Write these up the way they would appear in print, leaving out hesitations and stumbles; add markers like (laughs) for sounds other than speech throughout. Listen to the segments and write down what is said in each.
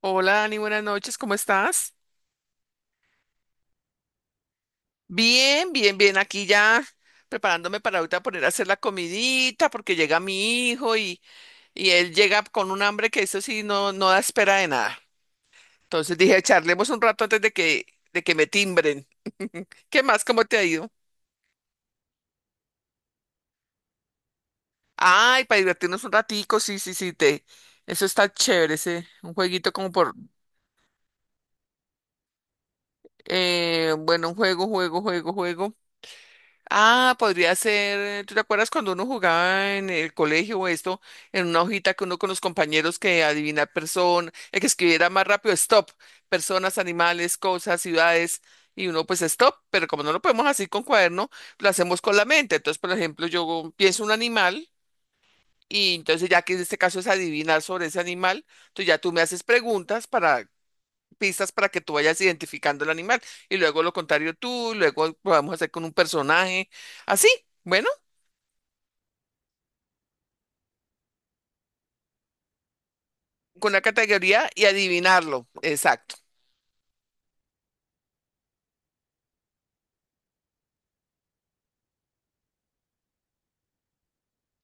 Hola, Dani, buenas noches, ¿cómo estás? Bien, bien, bien, aquí ya preparándome para ahorita poner a hacer la comidita porque llega mi hijo y él llega con un hambre que eso sí no, no da espera de nada. Entonces dije, charlemos un rato antes de de que me timbren. ¿Qué más? ¿Cómo te ha ido? Ay, para divertirnos un ratico, sí, sí, sí, te... Eso está chévere, ese, un jueguito como bueno, un juego, juego, juego, juego. Ah, podría ser, ¿tú te acuerdas cuando uno jugaba en el colegio o esto, en una hojita que uno con los compañeros que adivinar persona, el que escribiera más rápido, stop, personas, animales, cosas, ciudades, y uno pues stop, pero como no lo podemos así con cuaderno, lo hacemos con la mente. Entonces, por ejemplo, yo pienso un animal y entonces ya que en este caso es adivinar sobre ese animal, entonces ya tú me haces preguntas para pistas para que tú vayas identificando el animal y luego lo contrario tú, y luego lo vamos a hacer con un personaje, así, bueno, con una categoría y adivinarlo, exacto.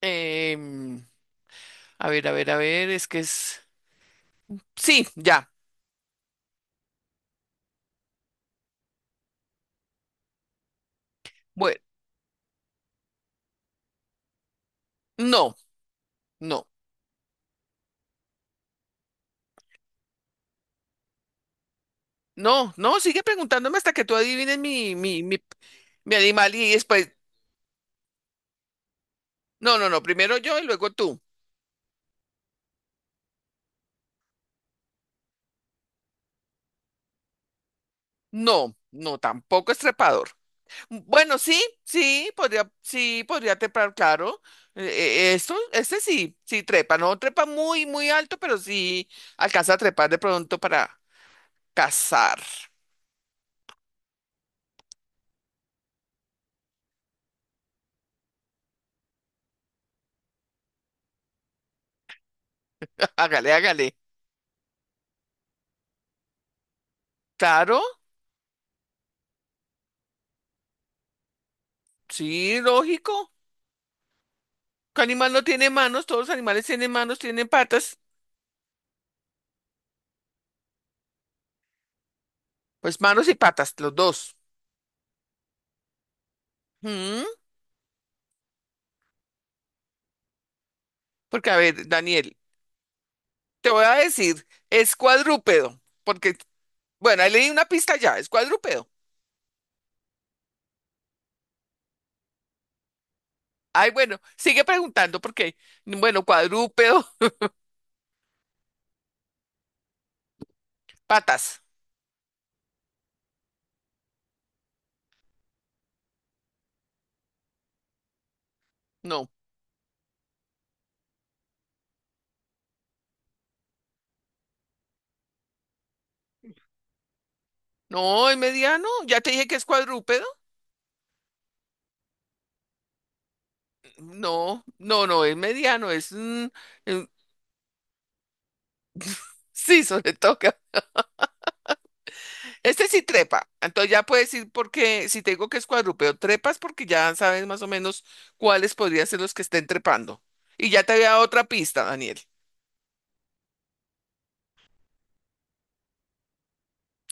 Em, a ver, a ver, a ver, es que es... Sí, ya, bueno, no, no, no, no, sigue preguntándome hasta que tú adivines mi animal y después, no, no, no, primero yo y luego tú. No, no, tampoco es trepador. Bueno, sí, sí, podría trepar, claro. Eh, esto, este sí, sí trepa, no trepa muy, muy alto, pero sí alcanza a trepar de pronto para cazar. (laughs) Hágale, hágale. Claro, sí, lógico. ¿Qué animal no tiene manos? Todos los animales tienen manos, tienen patas. Pues manos y patas, los dos. Mm, porque, a ver, Daniel, te voy a decir, es cuadrúpedo, porque, bueno, ahí leí una pista ya, es cuadrúpedo. Ay, bueno, sigue preguntando porque, bueno, cuadrúpedo, (laughs) patas. No, no, es mediano. Ya te dije que es cuadrúpedo. No, no, no, es mediano, es... mm, sí, (laughs) sobre todo. Que- este sí trepa. Entonces ya puedes ir porque, si te digo que es cuadrúpedo, trepas porque ya sabes más o menos cuáles podrían ser los que estén trepando. Y ya te había dado otra pista, Daniel.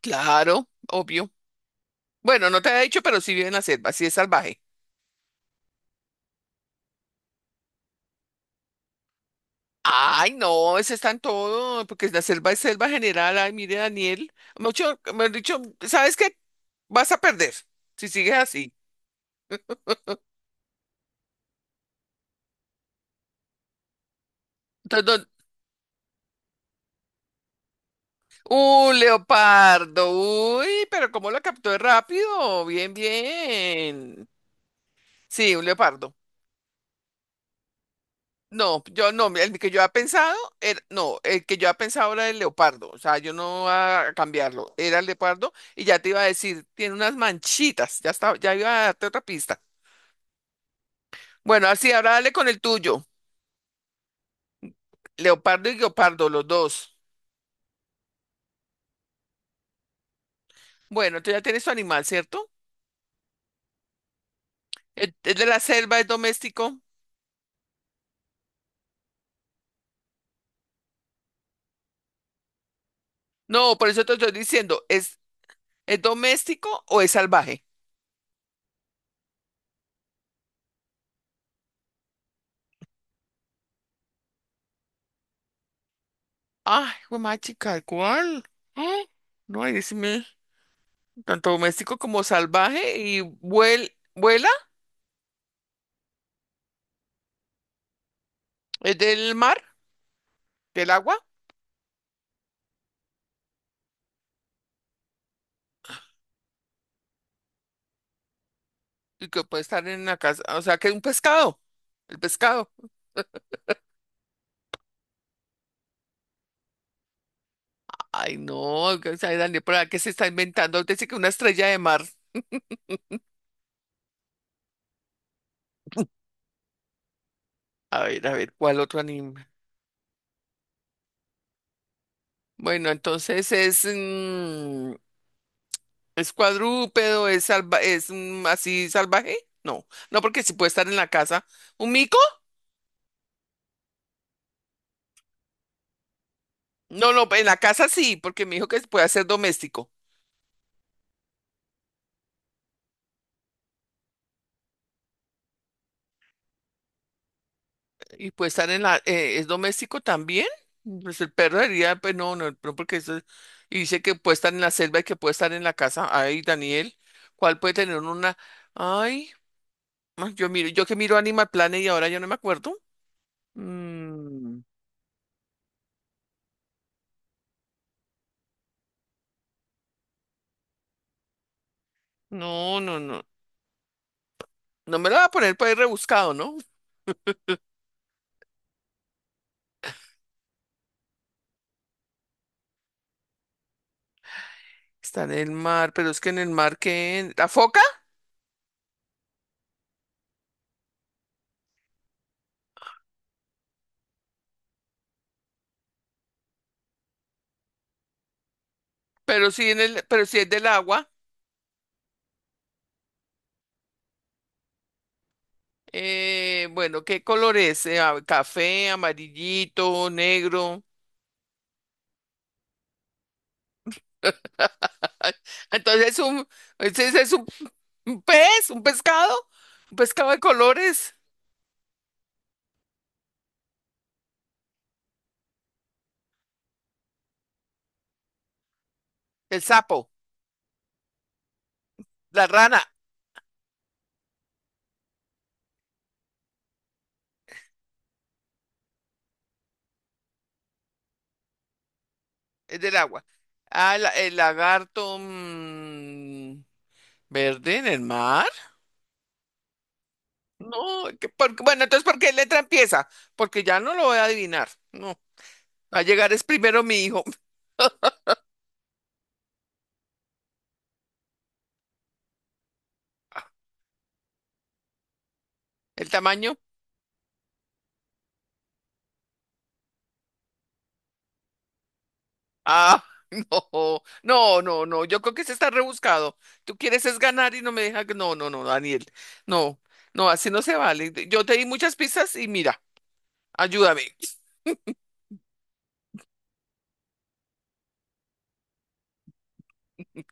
Claro, obvio. Bueno, no te había dicho, pero sí vive en la selva, sí es salvaje. Ay, no, ese está en todo, porque la selva es selva general. Ay, mire, Daniel. Mucho, me han dicho, ¿sabes qué? Vas a perder si sigues así. Entonces, don- un leopardo. Uy, pero ¿cómo lo captó de rápido? Bien, bien. Sí, un leopardo. No, yo no, el que yo había pensado, era- no, el que yo había pensado era el leopardo. O sea, yo no iba a cambiarlo. Era el leopardo y ya te iba a decir, tiene unas manchitas. Ya estaba, ya iba a darte otra pista. Bueno, así, ahora dale con el tuyo. Leopardo y guepardo, los dos. Bueno, tú ya tienes tu animal, ¿cierto? ¿Es de la selva, es doméstico? No, por eso te estoy diciendo, es doméstico o es salvaje? Ay, güey, chica, ¿cuál? Ah, no, ahí decime, tanto doméstico como salvaje y vuel- vuela, es del mar, del agua, y que puede estar en la casa, o sea, que es un pescado, el pescado. Ay, no, que- o sea, Daniel, ¿para qué se está inventando? Dice que una estrella de mar. A ver, ¿cuál otro animal? Bueno, entonces es cuadrúpedo, es salva, es así salvaje. No, no, porque si puede estar en la casa. ¿Un mico? No, no, en la casa sí, porque me dijo que puede ser doméstico. Y puede estar en la, ¿es doméstico también? Pues el perro diría, pues no, no, no, porque eso es- y dice que puede estar en la selva y que puede estar en la casa. Ay, Daniel, ¿cuál puede tener una? Ay, ah, yo miro, yo que miro Animal Planet y ahora yo no me acuerdo. Mm, no, no, no. No me lo va a poner para ir rebuscado, ¿no? Está en el mar, pero es que en el mar que la foca, pero sí en el, pero sí es del agua. Bueno, ¿qué color es? A- café, amarillito, negro. Ah, entonces es un, ese es un pez, un pescado de colores. El sapo, la rana, es del agua. Ah, la- el lagarto verde en el mar. No, que por- bueno, entonces, ¿por qué letra empieza? Porque ya no lo voy a adivinar. No, va a llegar es primero mi hijo. (laughs) ¿El tamaño? Ah, (laughs) no, no, no, no. Yo creo que se está rebuscado. Tú quieres es ganar y no me deja. No, no, no, Daniel. No, no, así no se vale. Yo te di muchas pistas y mira, ayúdame. (laughs)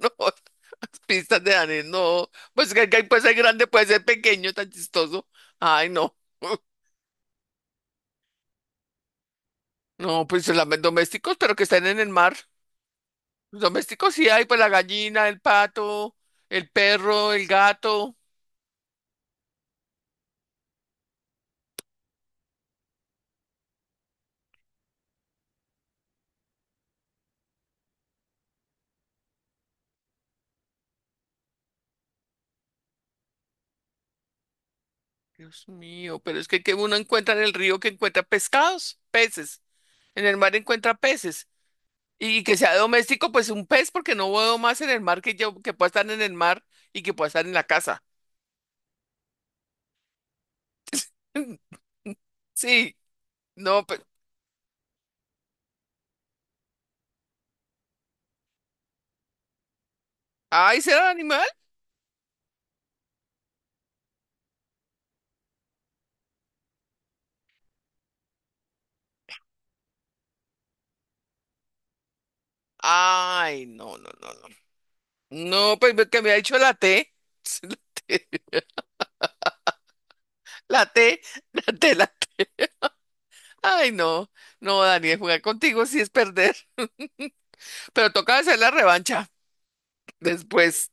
No, las pistas de Daniel, no. Pues que puede ser grande, puede ser pequeño, tan chistoso. Ay, no. (laughs) No, pues los domésticos, pero que están en el mar. Domésticos sí hay, pues la gallina, el pato, el perro, el gato. Dios mío, pero es que uno encuentra en el río que encuentra pescados, peces. En el mar encuentra peces. Y que sea doméstico, pues un pez, porque no veo más en el mar que yo, que pueda estar en el mar y que pueda estar en la casa. (laughs) Sí, no, pues, ay, ¿será animal? Ay, no, no, no, no. No, pues que me ha dicho la T. (laughs) La T, la T, la T, la T. Ay, no, no, Daniel, jugar contigo sí es perder. (laughs) Pero toca hacer la revancha después.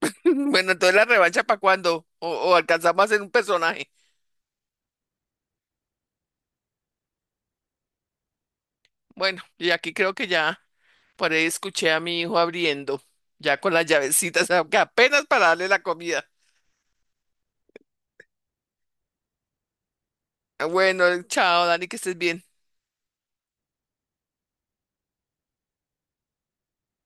(laughs) Bueno, entonces, ¿la revancha para cuándo? O alcanzamos a hacer un personaje. Bueno, y aquí creo que ya por ahí escuché a mi hijo abriendo, ya con las llavecitas, (laughs) aunque apenas para darle la comida. Bueno, chao, Dani, que estés bien.